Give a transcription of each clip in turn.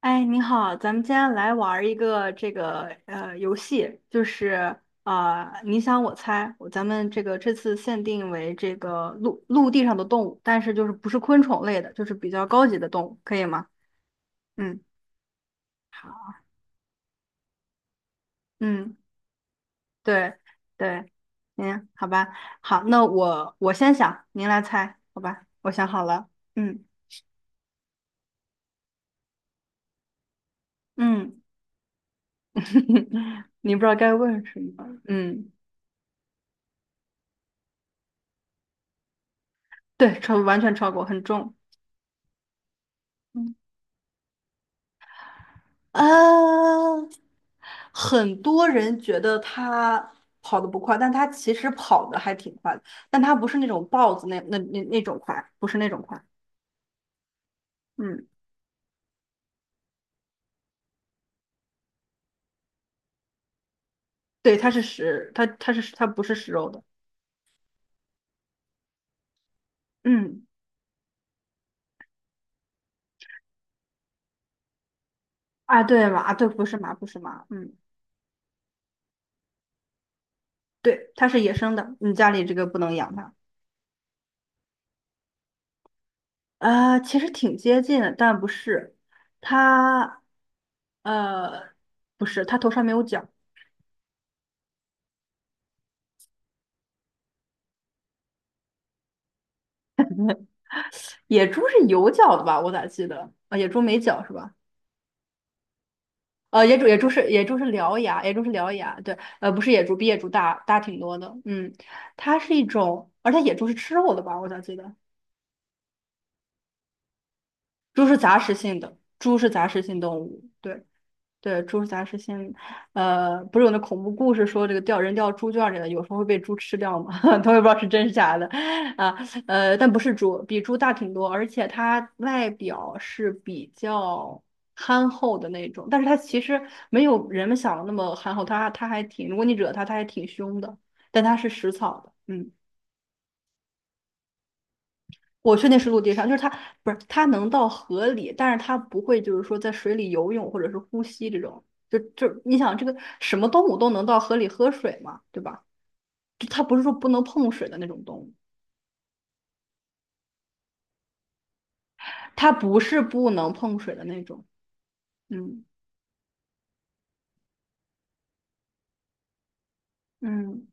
哎，你好，咱们今天来玩儿一个这个游戏，就是你想我猜，咱们这个这次限定为这个陆地上的动物，但是就是不是昆虫类的，就是比较高级的动物，可以吗？嗯。好，嗯，对对，嗯，好吧。好，那我先想，您来猜，好吧？我想好了。嗯嗯。你不知道该问什么，嗯。对，完全超过，很重。嗯。很多人觉得它跑得不快，但它其实跑得还挺快的，但它不是那种豹子那种快，不是那种快。嗯。对，它不是食肉的。嗯。啊，对马，对，不是马，不是马。嗯。对，它是野生的，你家里这个不能养它。啊，其实挺接近的，但不是。它，呃，不是，它头上没有角。野猪是有角的吧？我咋记得？啊，野猪没角是吧？野猪是獠牙，野猪是獠牙，对，不是野猪，比野猪大挺多的，嗯。它是一种，而且野猪是吃肉的吧？我咋记得。猪是杂食性的，猪是杂食性动物，对。对，猪杂是先，不是有那恐怖故事说这个掉人掉猪圈里了，有时候会被猪吃掉嘛，他也不知道是真是假的。啊，但不是猪，比猪大挺多，而且它外表是比较憨厚的那种，但是它其实没有人们想的那么憨厚，它它还挺，如果你惹它，它还挺凶的，但它是食草的，嗯。我确定是陆地上，就是它不是它能到河里，但是它不会就是说在水里游泳或者是呼吸这种。就你想这个什么动物都能到河里喝水嘛，对吧？就它不是说不能碰水的那种动物。它不是不能碰水的那种。嗯嗯。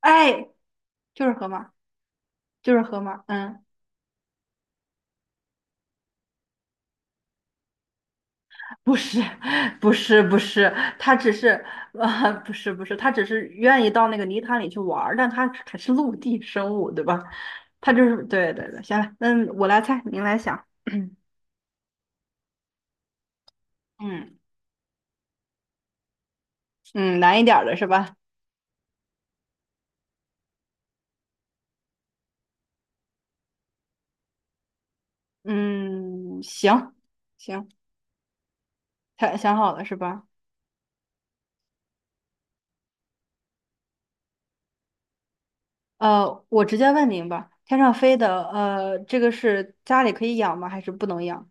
哎，就是河马，就是河马。嗯。不是，不是，不是，他只是，不是，不是，他只是愿意到那个泥潭里去玩儿，但他还是陆地生物，对吧？他就是，对对对，行了。那我来猜，您来想，嗯嗯。难一点儿的是吧？嗯，行行，他想好了是吧？我直接问您吧，天上飞的，这个是家里可以养吗？还是不能养？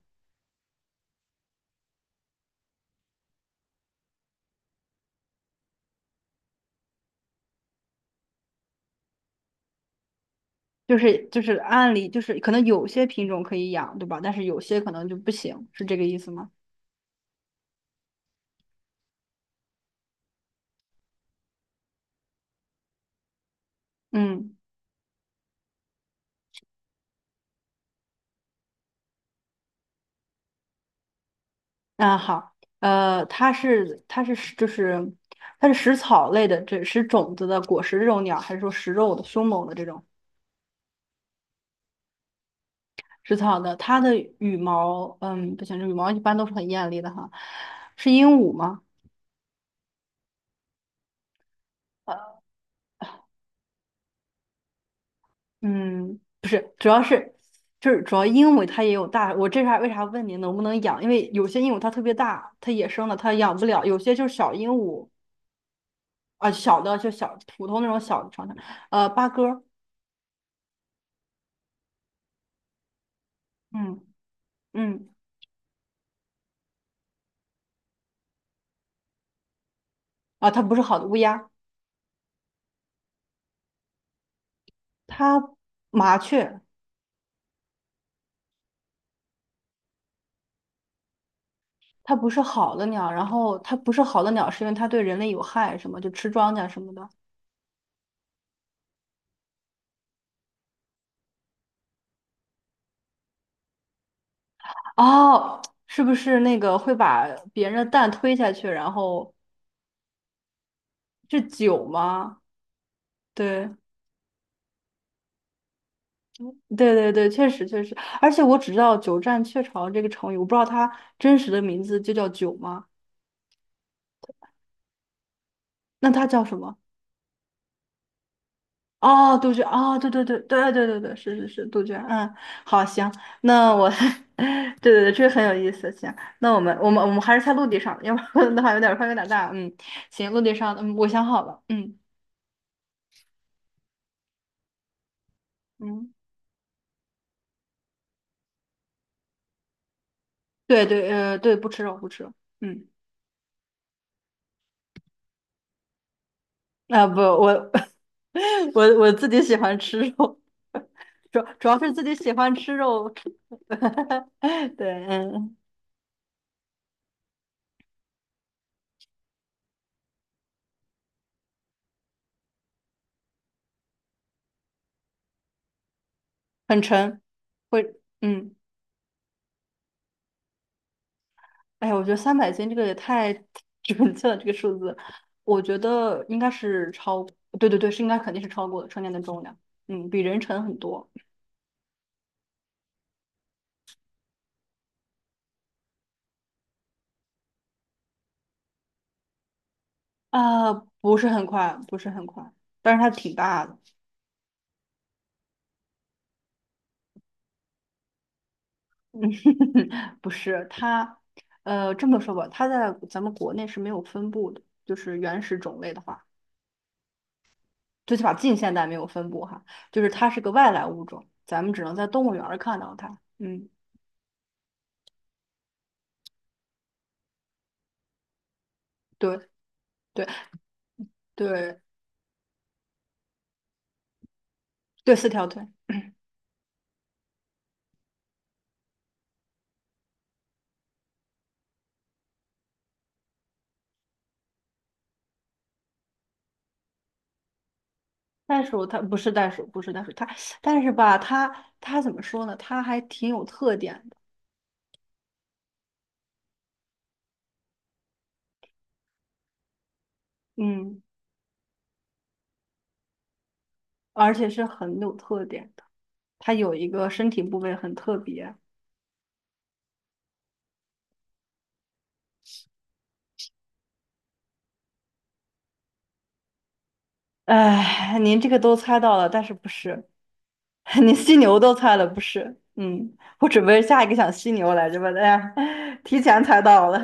就是按理就是可能有些品种可以养，对吧？但是有些可能就不行，是这个意思吗？嗯，那好。呃，它是它是就是它是食草类的，这食种子的果实这种鸟，还是说食肉的凶猛的这种食草的？它的羽毛，嗯，不行，这羽毛一般都是很艳丽的哈。是鹦鹉吗？呃嗯，主要是就是主要鹦鹉它也有大，我这啥为啥问你能不能养？因为有些鹦鹉它特别大，它野生的它养不了，有些就是小鹦鹉啊、小的就小普通那种小的长的。八哥。嗯嗯。啊，它不是好的乌鸦，它麻雀，它不是好的鸟，然后它不是好的鸟，是因为它对人类有害，什么就吃庄稼什么的。哦，是不是那个会把别人的蛋推下去，然后是酒吗？对，对对对，确实确实，而且我只知道"鸠占鹊巢"这个成语，我不知道它真实的名字就叫酒吗？那它叫什么？哦，杜鹃，哦，对对对对对对对，是是是，杜鹃，嗯。好，行。那我，对对对，这个很有意思，行。那我们还是在陆地上，要不然 的话有点儿范围有点儿大。嗯，行，陆地上。嗯，我想好了。嗯嗯，对对，对，不吃肉，不吃肉。嗯。啊、不，我 我自己喜欢吃肉，主要是自己喜欢吃肉，对，嗯。很沉，会。嗯。哎呀，我觉得300斤这个也太 准确了，这个数字，我觉得应该是超，对对对，是应该肯定是超过了成年的重量。嗯，比人沉很多。啊，不是很快，不是很快，但是它挺大的。不是它，这么说吧，它在咱们国内是没有分布的，就是原始种类的话，最起码近现代没有分布哈，就是它是个外来物种，咱们只能在动物园儿看到它，嗯。对对对对，四条腿。袋鼠它不是袋鼠，不是袋鼠，它但是吧，它怎么说呢？它还挺有特点的。嗯，而且是很有特点的。它有一个身体部位很特别。哎，您这个都猜到了，但是不是？你犀牛都猜了不是？嗯，我准备下一个想犀牛来着吧，哎呀，提前猜到了。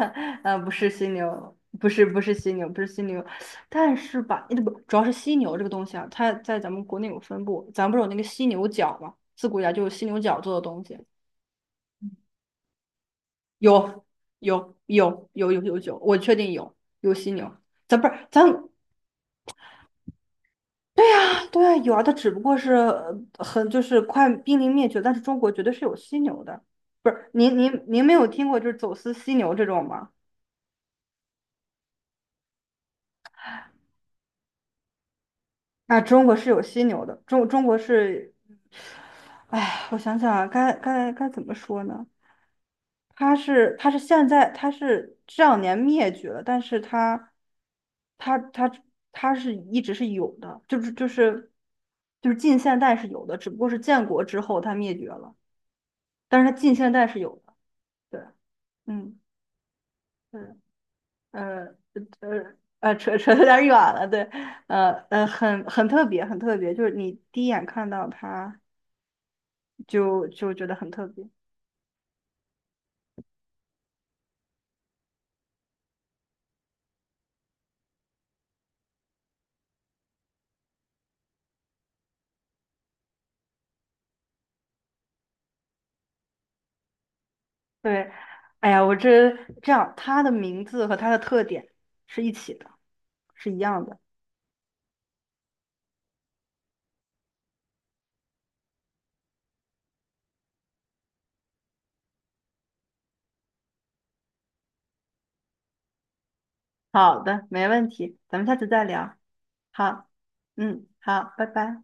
嗯，不是犀牛，不是犀牛，不是犀牛。但是吧，那不主要是犀牛这个东西啊，它在咱们国内有分布，咱不是有那个犀牛角嘛，自古以来就有犀牛角做的东西。有有有有有有有，我确定有犀牛，咱不是咱对啊，有啊。它只不过是很就是快濒临灭绝，但是中国绝对是有犀牛的，不是？您没有听过就是走私犀牛这种吗？啊，中国是有犀牛的，中国是。哎，我想想啊，该怎么说呢？它是它是现在它是这两年灭绝了，但是它它它是一直是有的，就是近现代是有的，只不过是建国之后它灭绝了，但是它近现代是有的。对。嗯，是，呃，扯得有点远了，对，很特别，很特别，就是你第一眼看到它就觉得很特别。对，哎呀，这样，它的名字和它的特点是一起的，是一样的。好的，没问题，咱们下次再聊。好，嗯，好，拜拜。